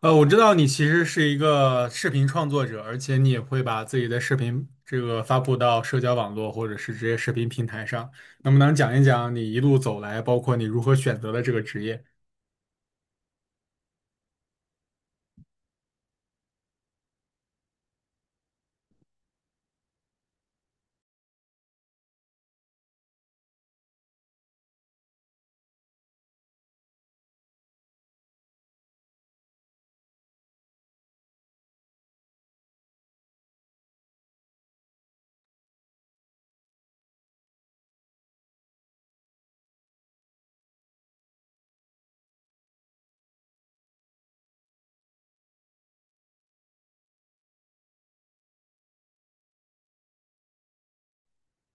我知道你其实是一个视频创作者，而且你也会把自己的视频这个发布到社交网络或者是这些视频平台上。能不能讲一讲你一路走来，包括你如何选择的这个职业？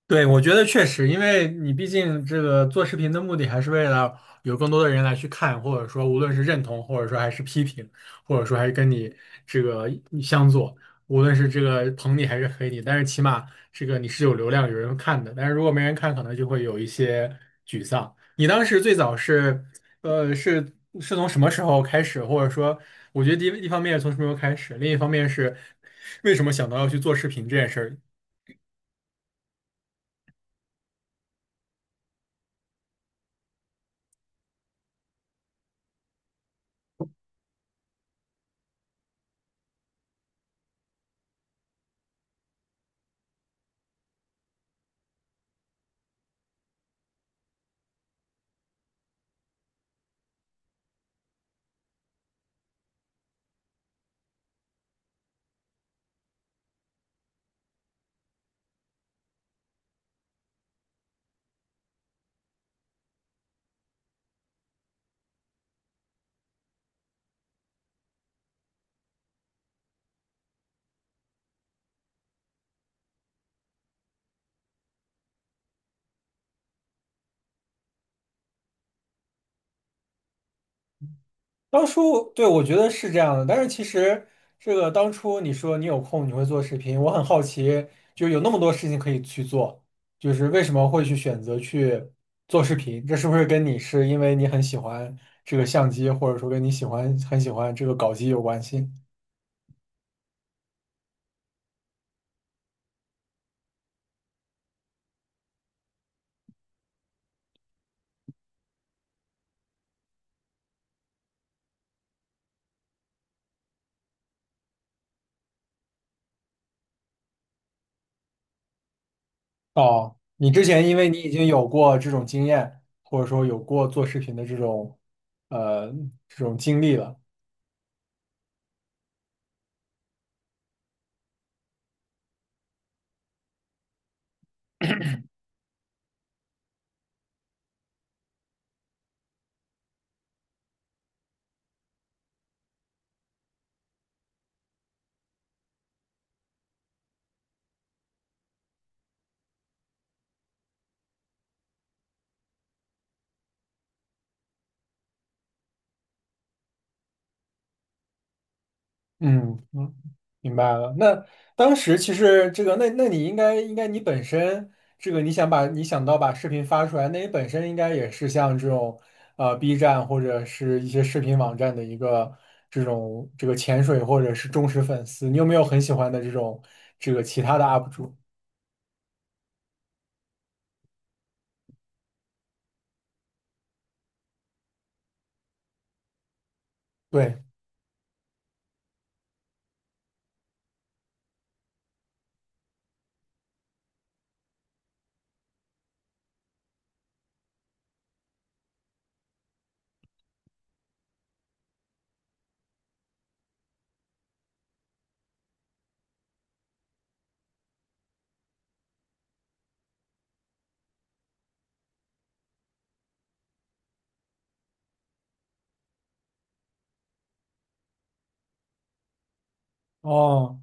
对，我觉得确实，因为你毕竟这个做视频的目的还是为了有更多的人来去看，或者说无论是认同，或者说还是批评，或者说还是跟你这个相左，无论是这个捧你还是黑你，但是起码这个你是有流量，有人看的。但是如果没人看，可能就会有一些沮丧。你当时最早是，呃，是是从什么时候开始，或者说，我觉得第一一方面是从什么时候开始，另一方面是为什么想到要去做视频这件事儿？当初对我觉得是这样的，但是其实这个当初你说你有空你会做视频，我很好奇，就有那么多事情可以去做，就是为什么会去选择去做视频？这是不是跟你是因为你很喜欢这个相机，或者说跟你喜欢很喜欢这个搞机有关系？哦，你之前因为你已经有过这种经验，或者说有过做视频的这种呃这种经历了。嗯嗯，明白了。那当时其实这个，那你应该你本身这个你想把你想到把视频发出来，那你本身应该也是像这种B 站或者是一些视频网站的一个这种这个潜水或者是忠实粉丝。你有没有很喜欢的这种这个其他的 UP 主？对，哦。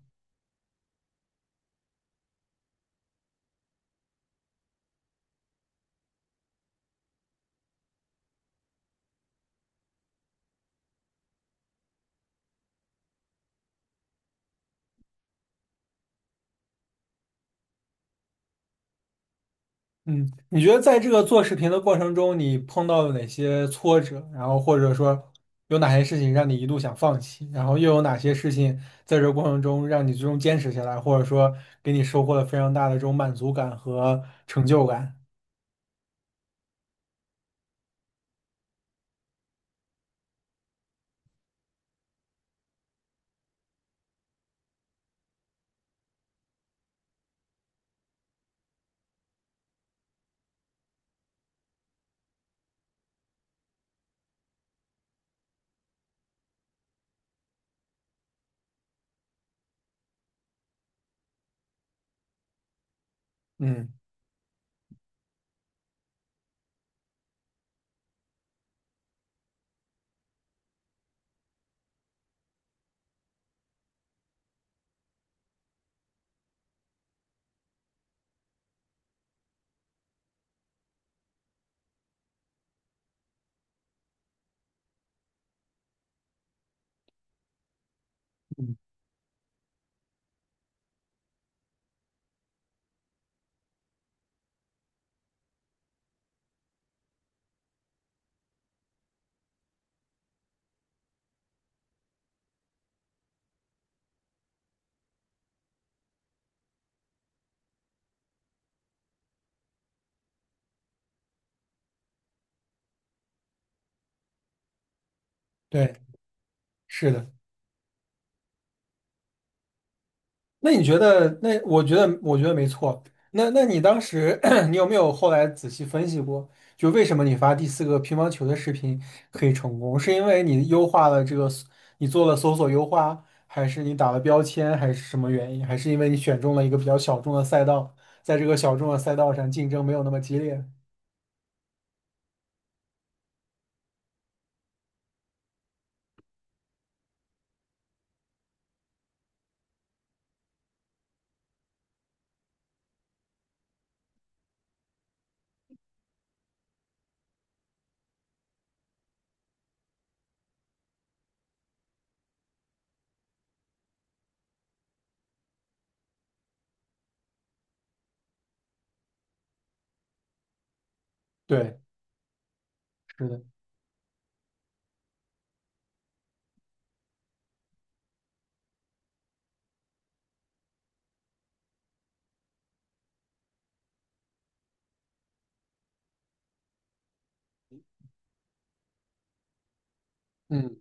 嗯，你觉得在这个做视频的过程中，你碰到了哪些挫折？然后或者说有哪些事情让你一度想放弃？然后又有哪些事情在这个过程中让你最终坚持下来，或者说给你收获了非常大的这种满足感和成就感？嗯，嗯，对，是的。那你觉得？那我觉得，我觉得没错。那那你当时，你有没有后来仔细分析过，就为什么你发第四个乒乓球的视频可以成功？是因为你优化了这个你做了搜索优化，还是你打了标签，还是什么原因？还是因为你选中了一个比较小众的赛道，在这个小众的赛道上竞争没有那么激烈？对，是的，嗯。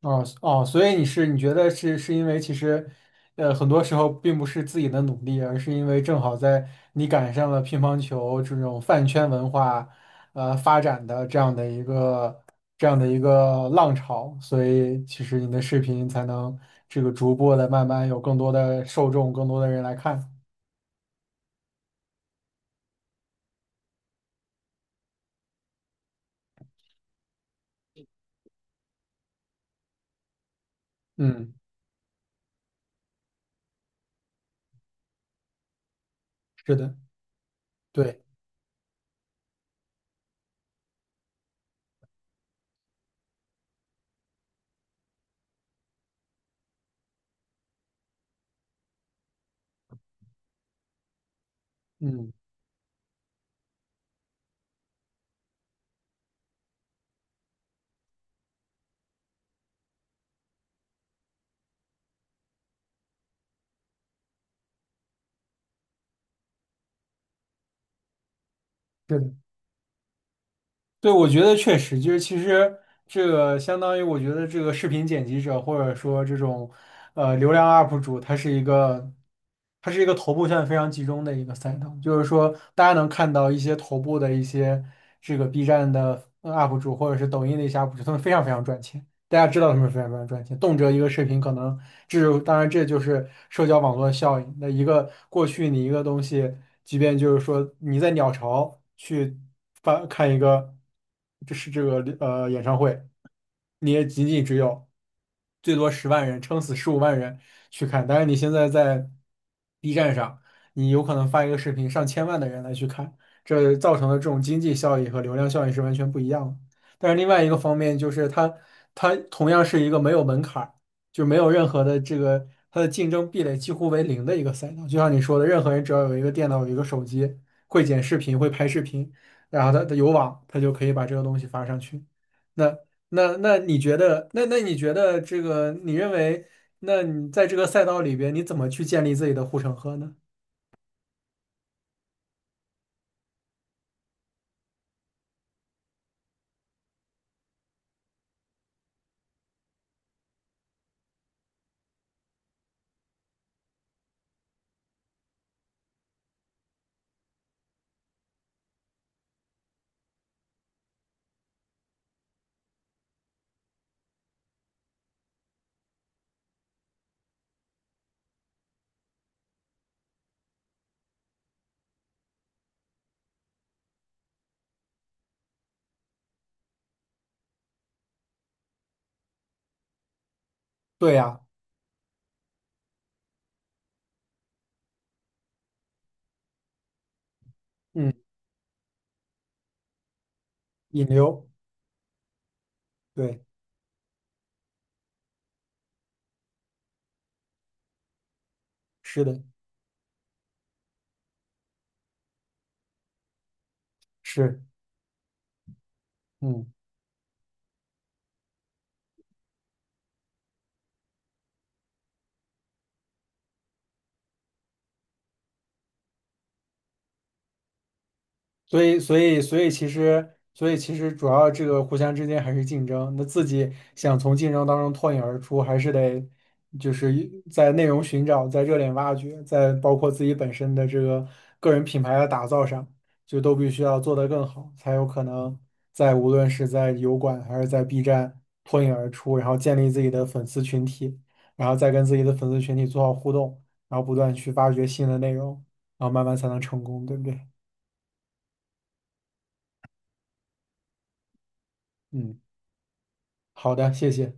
哦哦，所以你是你觉得是因为其实，呃，很多时候并不是自己的努力，而是因为正好在你赶上了乒乓球这种饭圈文化，呃，发展的这样的一个浪潮，所以其实你的视频才能这个逐步的慢慢有更多的受众，更多的人来看。嗯，是的，对，嗯，是的。对，我觉得确实就是，其实这个相当于，我觉得这个视频剪辑者或者说这种流量 UP 主，他是一个它是一个头部现在非常集中的一个赛道，就是说大家能看到一些头部的一些这个 B 站的UP 主或者是抖音的一些 UP 主，他们非常非常赚钱，大家知道他们非常非常赚钱，动辄一个视频可能这当然这就是社交网络效应。那一个过去你一个东西，即便就是说你在鸟巢去发看一个，这是这个演唱会，你也仅仅只有最多10万人，撑死15万人去看。但是你现在在 B 站上，你有可能发一个视频，上千万的人来去看，这造成的这种经济效益和流量效益是完全不一样的。但是另外一个方面就是它，它同样是一个没有门槛。就没有任何的这个它的竞争壁垒几乎为零的一个赛道。就像你说的，任何人只要有一个电脑、有一个手机，会剪视频、会拍视频，然后他有网，他就可以把这个东西发上去。那那那你觉得，那那你觉得这个，你认为，那你在这个赛道里边，你怎么去建立自己的护城河呢？对呀，嗯，引流，对，是的，是，嗯。所以其实，主要这个互相之间还是竞争。那自己想从竞争当中脱颖而出，还是得就是一在内容寻找、在热点挖掘、在包括自己本身的这个个人品牌的打造上，就都必须要做得更好，才有可能在无论是在油管还是在 B 站脱颖而出，然后建立自己的粉丝群体，然后再跟自己的粉丝群体做好互动，然后不断去挖掘新的内容，然后慢慢才能成功，对不对？嗯。好的，谢谢。